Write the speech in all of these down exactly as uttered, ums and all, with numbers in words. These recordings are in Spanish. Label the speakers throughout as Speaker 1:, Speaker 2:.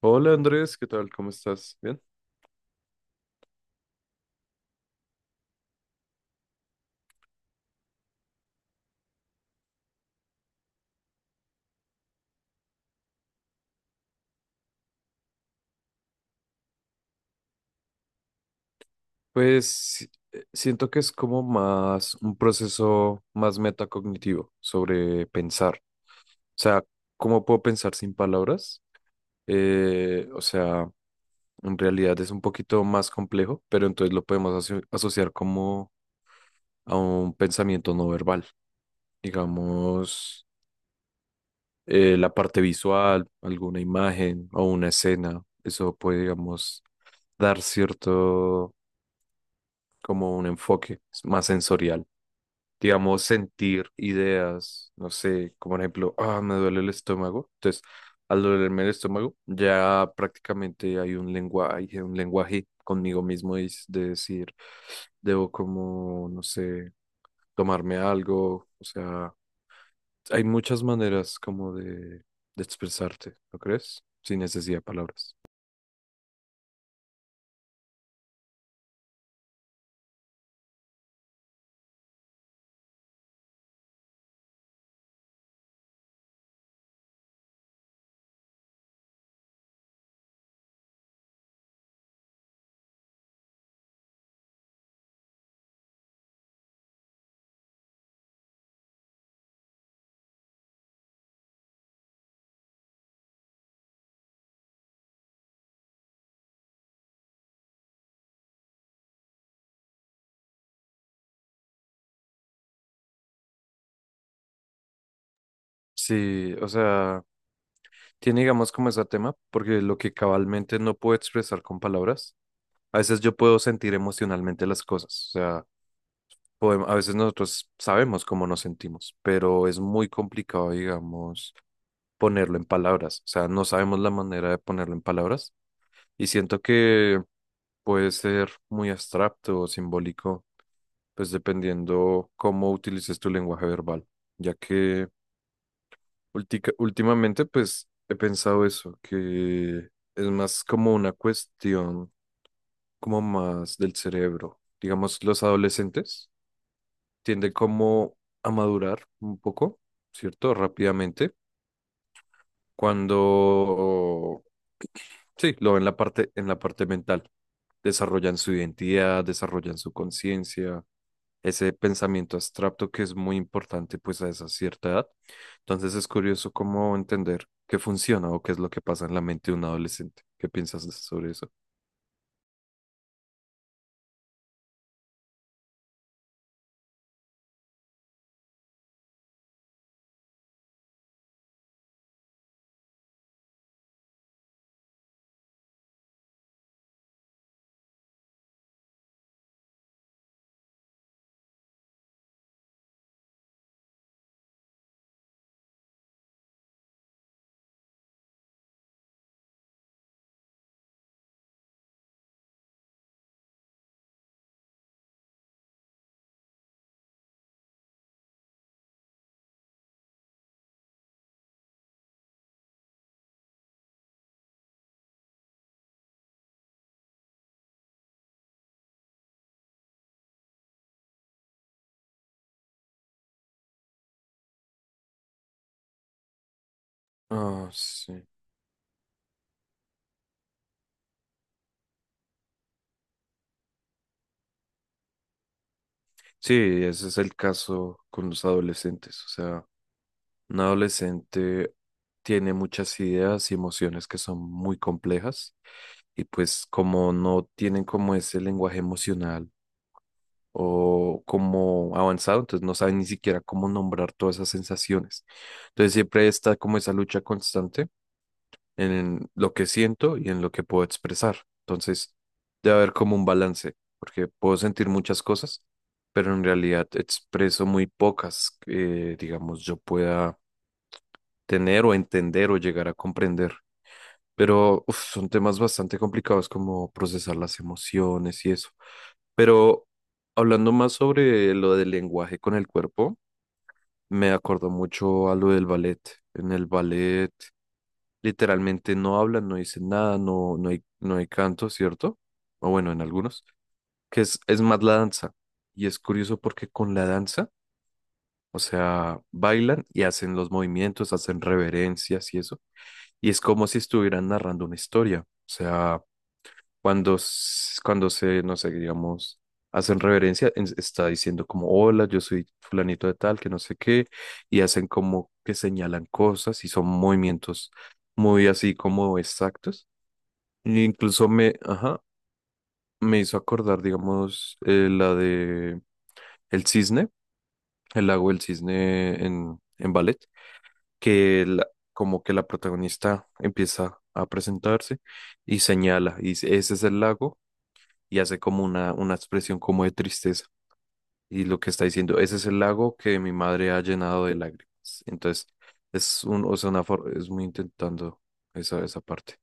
Speaker 1: Hola Andrés, ¿qué tal? ¿Cómo estás? ¿Bien? Pues si- eh, siento que es como más un proceso más metacognitivo sobre pensar. O sea, ¿cómo puedo pensar sin palabras? Eh, o sea, en realidad es un poquito más complejo, pero entonces lo podemos aso- asociar como a un pensamiento no verbal. Digamos, eh, la parte visual, alguna imagen o una escena. Eso puede, digamos, dar cierto como un enfoque más sensorial. Digamos, sentir ideas, no sé, como por ejemplo, ah, me duele el estómago. Entonces, al dolerme el estómago, ya prácticamente hay un lenguaje, un lenguaje conmigo mismo de, de decir, debo como, no sé, tomarme algo. O sea, hay muchas maneras como de, de expresarte, ¿no crees? Sin necesidad de palabras. Sí, o sea, tiene digamos como ese tema, porque lo que cabalmente no puedo expresar con palabras, a veces yo puedo sentir emocionalmente las cosas. O sea, podem- a veces nosotros sabemos cómo nos sentimos, pero es muy complicado, digamos, ponerlo en palabras. O sea, no sabemos la manera de ponerlo en palabras, y siento que puede ser muy abstracto o simbólico, pues dependiendo cómo utilices tu lenguaje verbal, ya que ultica- últimamente pues he pensado eso, que es más como una cuestión como más del cerebro. Digamos, los adolescentes tiende como a madurar un poco, ¿cierto? Rápidamente, cuando, sí, lo ven la parte, en la parte mental. Desarrollan su identidad, desarrollan su conciencia, ese pensamiento abstracto que es muy importante pues a esa cierta edad. Entonces es curioso cómo entender qué funciona o qué es lo que pasa en la mente de un adolescente. ¿Qué piensas de- sobre eso? Ah, sí. Sí, ese es el caso con los adolescentes. O sea, un adolescente tiene muchas ideas y emociones que son muy complejas, y pues como no tienen como ese lenguaje emocional o como avanzado, entonces no saben ni siquiera cómo nombrar todas esas sensaciones. Entonces siempre está como esa lucha constante en lo que siento y en lo que puedo expresar. Entonces debe haber como un balance, porque puedo sentir muchas cosas, pero en realidad expreso muy pocas que, digamos, yo pueda tener o entender o llegar a comprender. Pero uf, son temas bastante complicados como procesar las emociones y eso. Pero hablando más sobre lo del lenguaje con el cuerpo, me acordó mucho a lo del ballet. En el ballet literalmente no hablan, no dicen nada, no, no hay, no hay canto, ¿cierto? O bueno, en algunos, que es, es más la danza. Y es curioso porque con la danza, o sea, bailan y hacen los movimientos, hacen reverencias y eso, y es como si estuvieran narrando una historia. O sea, cuando, s- cuando se, no sé, digamos, hacen reverencia, en- está diciendo como, hola, yo soy fulanito de tal, que no sé qué, y hacen como que señalan cosas y son movimientos muy así como exactos. E incluso me, ajá, me hizo acordar, digamos, eh, la de El Cisne, el lago del Cisne en, en ballet. que la- Como que la protagonista empieza a presentarse y señala, y dice, ese es el lago, y hace como una, una expresión como de tristeza. Y lo que está diciendo, ese es el lago que mi madre ha llenado de lágrimas. Entonces, es un, o sea, una for- es muy intentando esa, esa parte.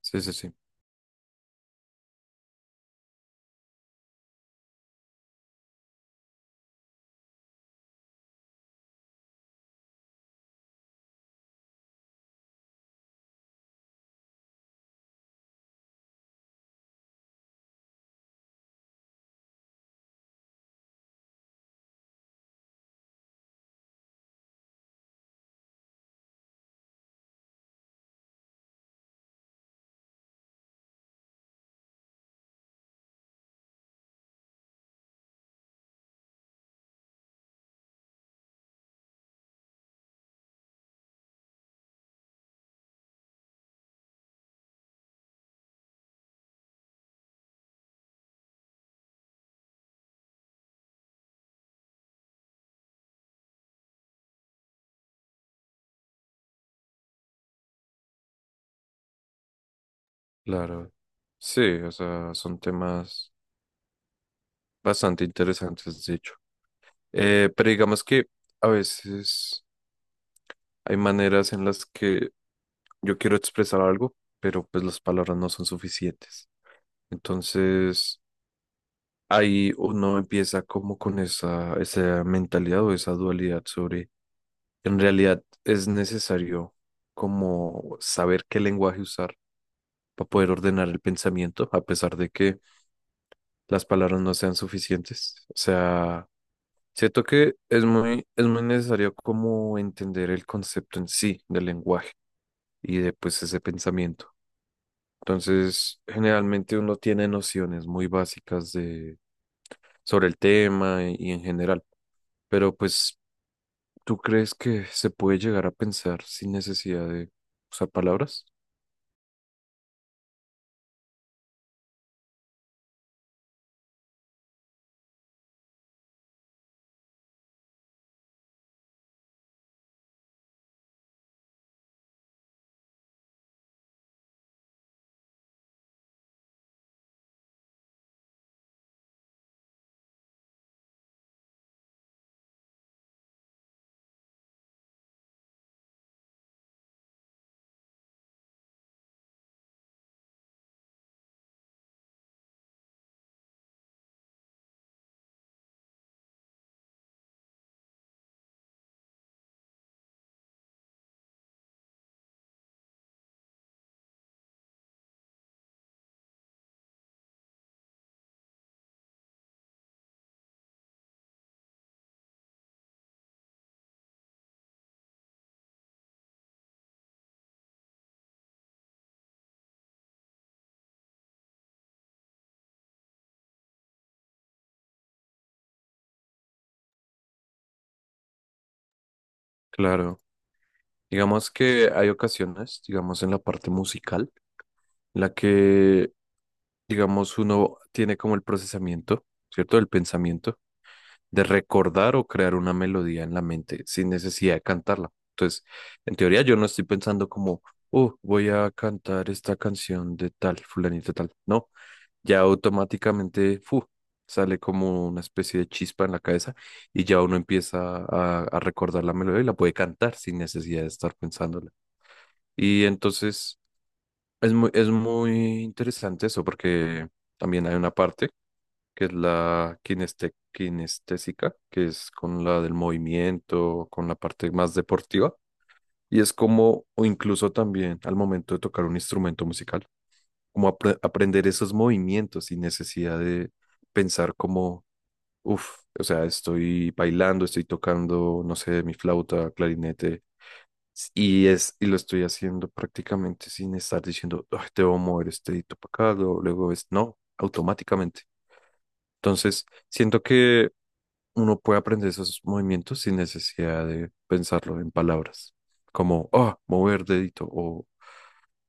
Speaker 1: Sí, sí, sí, claro. Sí, o sea, son temas bastante interesantes, de hecho. Eh, pero digamos que a veces hay maneras en las que yo quiero expresar algo, pero pues las palabras no son suficientes. Entonces, ahí uno empieza como con esa, esa mentalidad o esa dualidad sobre, en realidad es necesario como saber qué lenguaje usar para poder ordenar el pensamiento, a pesar de que las palabras no sean suficientes. O sea, siento que es muy, es muy necesario como entender el concepto en sí del lenguaje y de pues ese pensamiento. Entonces, generalmente uno tiene nociones muy básicas de, sobre el tema y, en general, pero pues, ¿tú crees que se puede llegar a pensar sin necesidad de usar palabras? Claro, digamos que hay ocasiones, digamos en la parte musical, en la que, digamos, uno tiene como el procesamiento, ¿cierto? El pensamiento de recordar o crear una melodía en la mente sin necesidad de cantarla. Entonces, en teoría yo no estoy pensando como, oh, voy a cantar esta canción de tal, fulanito tal. No, ya automáticamente fu, sale como una especie de chispa en la cabeza, y ya uno empieza a, a recordar la melodía y la puede cantar sin necesidad de estar pensándola. Y entonces es muy, es muy interesante eso porque también hay una parte que es la kineste- kinestésica, que es con la del movimiento, con la parte más deportiva, y es como, o incluso también al momento de tocar un instrumento musical, como apre- aprender esos movimientos sin necesidad de pensar como, uff, o sea, estoy bailando, estoy tocando, no sé, mi flauta, clarinete. s- Y, es, y lo estoy haciendo prácticamente sin estar diciendo, "Ay, debo mover este dedito para acá", luego luego es, no, automáticamente. Entonces, siento que uno puede aprender esos movimientos sin necesidad de pensarlo en palabras, como ah, mover dedito o,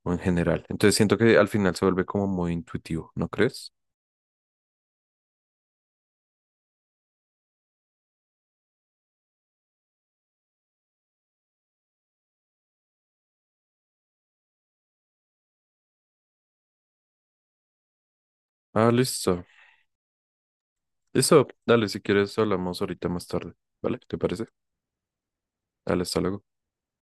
Speaker 1: o en general. Entonces siento que al final se vuelve como muy intuitivo, ¿no crees? Ah, listo. Listo, dale, si quieres hablamos ahorita más tarde, ¿vale? ¿Te parece? Dale, hasta luego.